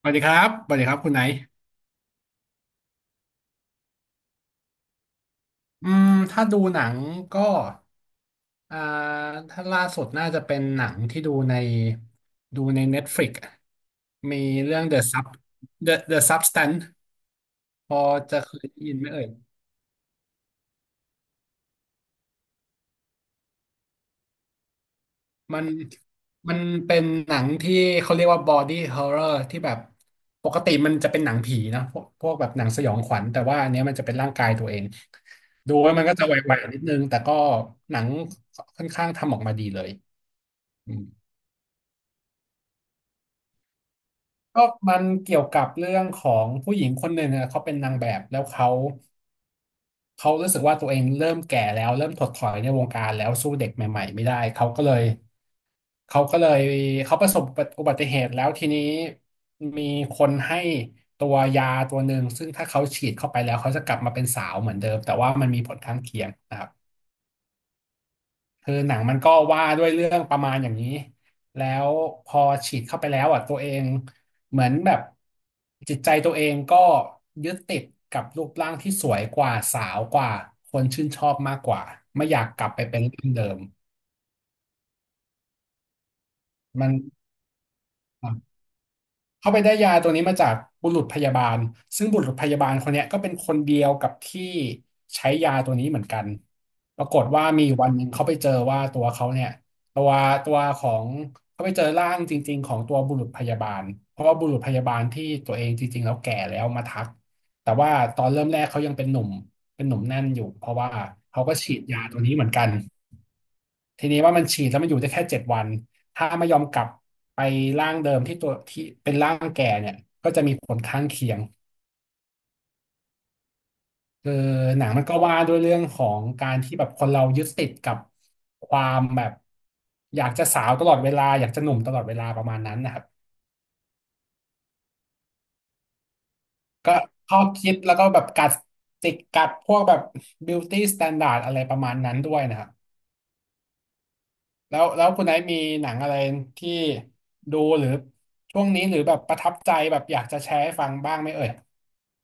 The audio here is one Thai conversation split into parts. สวัสดีครับ สวัสดีครับคุณไหนอืมถ้าดูหนังก็อ่าถ้าล่าสุดน่าจะเป็นหนังที่ดูใน Netflix มีเรื่อง The Substance พอจะเคยได้ยินไหมเอ่ยมันมันเป็นหนังที่เขาเรียกว่า body horror ที่แบบ ปกติมันจะเป็นหนังผีนะ พวกแบบหนังสยองขวัญแต่ว่าอันเนี้ยมันจะเป็นร่างกายตัวเอง ดูแล้วมันก็จะไหวๆนิดนึง แต่ก็หนังค่อนข้างทำออกมาดีเลย ก็มันเกี่ยวกับเรื่องของผู้หญิงคนหนึ่งอะเขาเป็นนางแบบแล้วเขารู้สึกว่าตัวเองเริ่มแก่แล้วเริ่มถดถอยในวงการแล้วสู้เด็กใหม่ๆไม่ได้เขาก็เลยเขาประสบอุบัติเหตุแล้วทีนี้มีคนให้ตัวยาตัวหนึ่งซึ่งถ้าเขาฉีดเข้าไปแล้วเขาจะกลับมาเป็นสาวเหมือนเดิมแต่ว่ามันมีผลข้างเคียงนะครับ คือหนังมันก็ว่าด้วยเรื่องประมาณอย่างนี้ แล้วพอฉีดเข้าไปแล้วอ่ะตัวเองเหมือนแบบจิตใจตัวเองก็ยึดติดกับรูปร่างที่สวยกว่าสาวกว่าคนชื่นชอบมากกว่าไม่อยากกลับไปเป็นร่างเดิมมัน เขาไปได้ยาตัวนี้มาจากบุรุษพยาบาลซึ่งบุรุษพยาบาลคนเนี้ยก็เป็นคนเดียวกับที่ใช้ยาตัวนี้เหมือนกันปรากฏว่ามีอยู่วันหนึ่งเขาไปเจอว่าตัวเขาเนี่ยตัวตัวของเขาไปเจอร่างจริงๆของตัวบุรุษพยาบาลเพราะว่าบุรุษพยาบาลที่ตัวเองจริงๆแล้วแก่แล้วมาทักแต่ว่าตอนเริ่มแรกเขายังเป็นหนุ่มแน่นอยู่เพราะว่าเขาก็ฉีดยาตัวนี้เหมือนกัน ทีนี้ว่ามันฉีดแล้วมันอยู่ได้แค่เจ็ดวันถ้าไม่ยอมกลับไปร่างเดิมที่ตัวที่เป็นร่างแก่เนี่ยก็จะมีผลข้างเคียงคือหนังมันก็ว่าด้วยเรื่องของการที่แบบคนเรายึดติดกับความแบบอยากจะสาวตลอดเวลาอยากจะหนุ่มตลอดเวลาประมาณนั้นนะครับก็ข้อคิดแล้วก็แบบกัดจิกกัดพวกแบบ beauty standard อะไรประมาณนั้นด้วยนะครับ แล้วคุณไน์มีหนังอะไรที่ดูหรือช่วงนี้หรือแบบประทับใจแบบอยากจะแชร์ให้ฟังบ้างไหมเอ่ย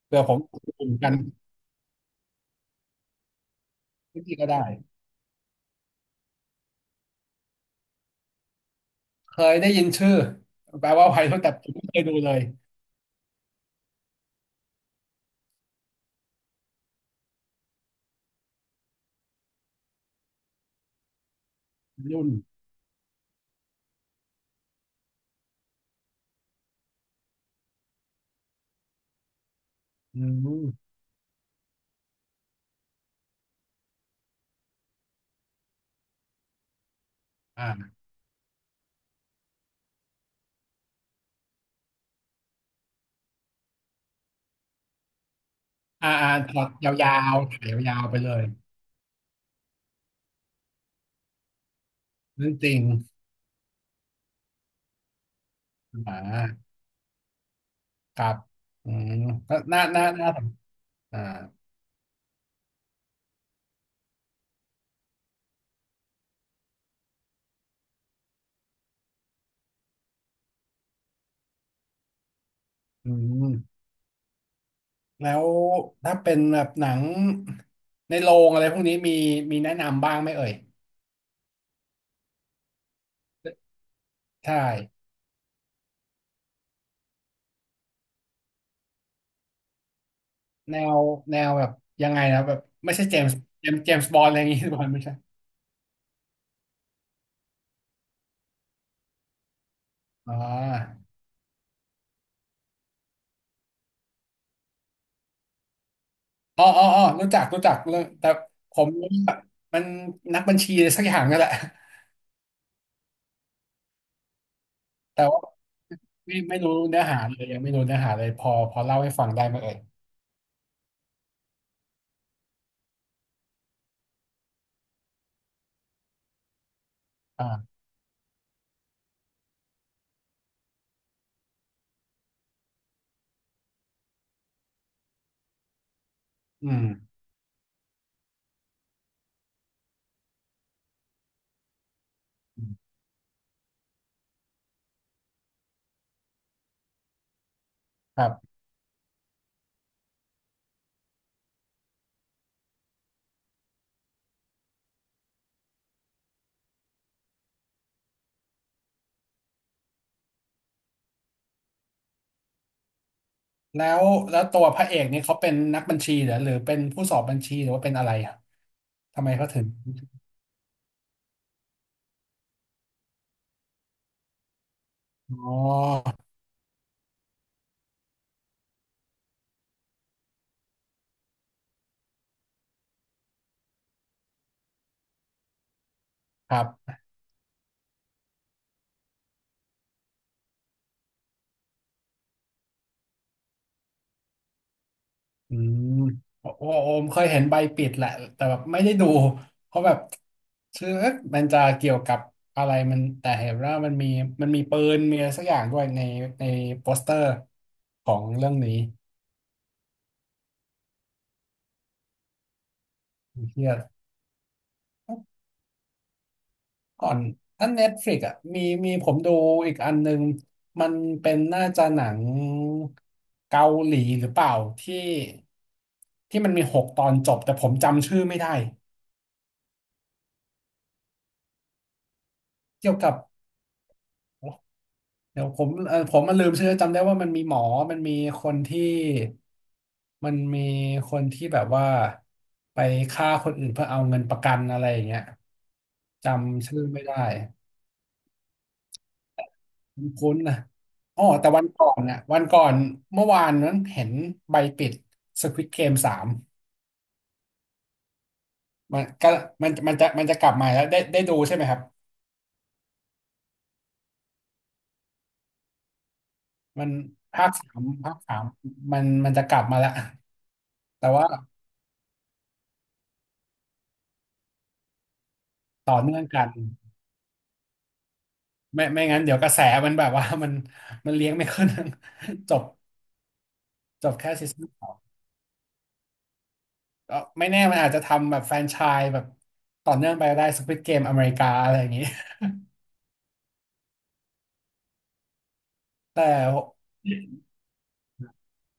เผื่อผมเหมือนกันที่ก็ได้เคยได้ยินชื่อแปลว่าวัยรุ่นแต่ผมไม่เคยดูเลยยรุ่นอืมอ่าถอดยาวๆถ่ายยาวๆไปเลยนั่นจริงอ่าครับอืมก็น่าสนอ่าอืมแล้วถ้าเป็นแบบหนังในโรงอะไรพวกนี้มีแนะนำบ้างไหมเอ่ย ใช่แนวแนวแบบยังไงนะแบบไม่ใช่เจมส์บอลอะไรอย่างงี้ บอลไม่ใช่อ๋ออ๋อรู้จักเรื่องแต่ผมรู้ว่ามันนักบัญชีอะไรสักอย่างนั่นแหละ แต่ว่าไม่รู้เนื้อหาเลยยังไม่รู้เนื้อหาเลยพอเล่าให้ฟังได้ไหมเอ่ยอ่าอืมอืมครับแล้วแล้วตัวพระเอกนี่เขาเป็นนักบัญชีเหรอหรือเป็นผู้สอบบัญชีหรือว่าเป็นอะไรอ่ะทำไมเขาถึงอ๋อครับ อืมโอ้โอโอมเคยเห็นใบปิดแหละแต่แบบไม่ได้ดูเพราะแบบชื่อเอ๊ะมันจะเกี่ยวกับอะไรมันแต่เห็นว่ามันมีปืนมีอะไรสักอย่างด้วยในโปสเตอร์ของเรื่องนี้เฮียก่อนถ้าเน็ตฟลิกอ่ะมีผมดูอีกอันนึงมันเป็นน่าจะหนังเกาหลีหรือเปล่าที่ที่มันมีหกตอนจบแต่ผมจำชื่อไม่ได้เกี่ยวกับ เดี๋ยวผมผมมันลืมชื่อจำได้ว่ามันมีหมอมันมีคนที่มันมีคนที่แบบว่าไปฆ่าคนอื่นเพื่อเอาเงินประกันอะไรอย่างเงี้ยจำชื่อไม่ได้คุ้นๆนะแต่วันก่อนเมื่อวานนั้นเห็นใบปิด Squid Game สามมันก็มันมันจะกลับมาแล้วได้ได้ดูใช่ไหมครับมันภาคสามมันจะกลับมาแล้วแต่ว่าต่อเนื่องกัน ไม่งั้นเดี๋ยวกระแสมันแบบว่า มันเลี้ยงไม่ขึ้น จบจบแค่ซีซั่นสองก็ไม่แน่มันอาจจะทำแบบแฟรนไชส์แบบต่อเนื่องไปก็ได้ Squid Game อเมริกาอะไรอย่างนี้ แต่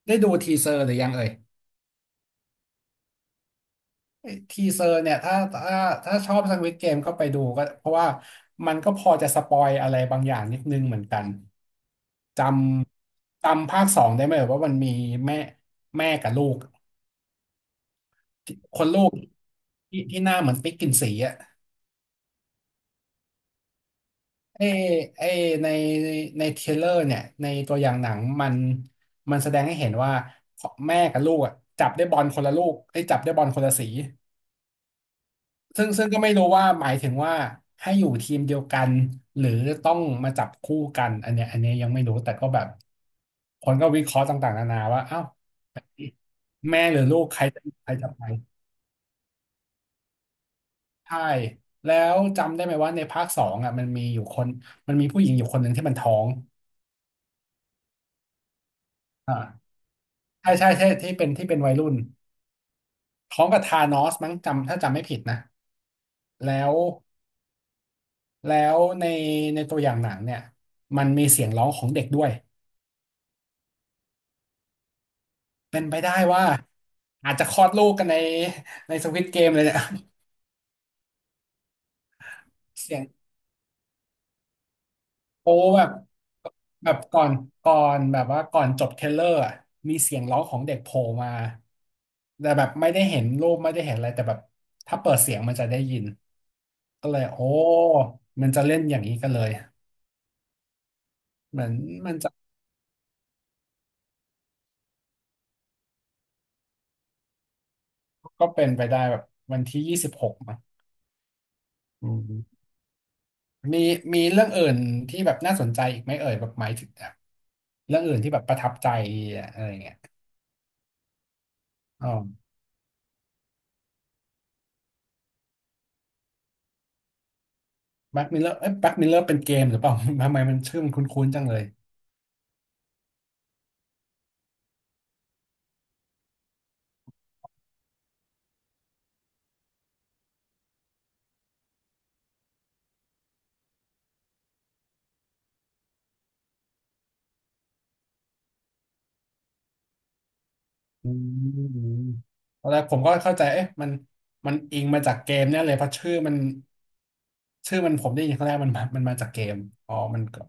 ได้ดูทีเซอร์หรือยังเอ่ยทีเซอร์เนี่ยถ้าถ้าชอบ Squid Game ก็ไปดูก็เพราะว่ามันก็พอจะสปอยอะไรบางอย่างนิดนึงเหมือนกันจจำภาคสองได้ไหมเอ่ยว่ามันมีแม่แม่กับลูกคนลูกที่หน้าเหมือนปิ๊กกินสีอะ ไอ้ไอในในเทรลเลอร์เนี่ยในตัวอย่างหนังมันแสดงให้เห็นว่าแม่กับลูกอะจับได้บอลคนละลูกได้ยจับได้บอลคนละสีซึ่งก็ไม่รู้ว่าหมายถึงว่าให้อยู่ทีมเดียวกันหรือต้องมาจับคู่กันอันเนี้ยยังไม่รู้แต่ก็แบบคนก็วิเคราะห์ต่างๆนานาว่าเอ้าแม่หรือลูกใครจะไปใช่แล้วจำได้ไหมว่าในภาคสองอ่ะมันมีอยู่คนมันมีผู้หญิงอยู่คนหนึ่งที่มันท้องอ่า ใช่ใช่ใช่ที่เป็นที่เป็นวัยรุ่นพร้อมกับธานอสมั้งจำถ้าจำไม่ผิดนะแล้วแล้วในในตัวอย่างหนังเนี่ยมันมีเสียงร้องของเด็กด้วยเป็นไปได้ว่าอาจจะคลอดลูกกันในสควิดเกมเลยเนี่ย เสียงโอ้แบบแบบก่อนจบเทรลเลอร์อะมีเสียงร้องของเด็กโผล่มาแต่แบบไม่ได้เห็นรูปไม่ได้เห็นอะไรแต่แบบถ้าเปิดเสียงมันจะได้ยินก็เลยโอ้มันจะเล่นอย่างนี้กันเลยเหมือนมันจะ ก็เป็นไปได้แบบวันที่26มั้งอืมมีมีเรื่องอื่นที่แบบน่าสนใจอีกไหมเอ่ยแบบหมายถึงแบบเรื่องอื่นที่แบบประทับใจอะไรเงี้ยอ๋อแบ็กมิลเลอร์เอ้ยแบ็กมิลเลอร์เป็นเกมหรือเปล่า ทำไมมันชื่อมันคุ้นๆจังเลยอืมตอนแรกผมก็เข้าใจเอ๊ะมันอิงมาจากเกมเนี่ยเลยเพราะชื่อมันผมได้ยินครั้งแรกมันมาจากเกมอ๋อมันก็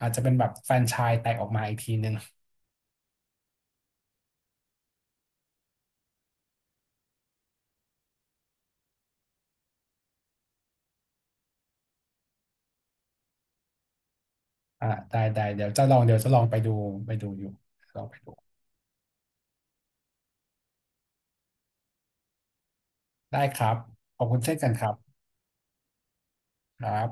อาจจะเป็นแบบแฟรนไชส์แตกออกมาอีกทีนึงอ่าได้ได้เดี๋ยวจะลองเดี๋ยวจะลองไปดูไปดูอยู่ลองไปดู ได้ครับ ขอบคุณเช่นกันครับครับ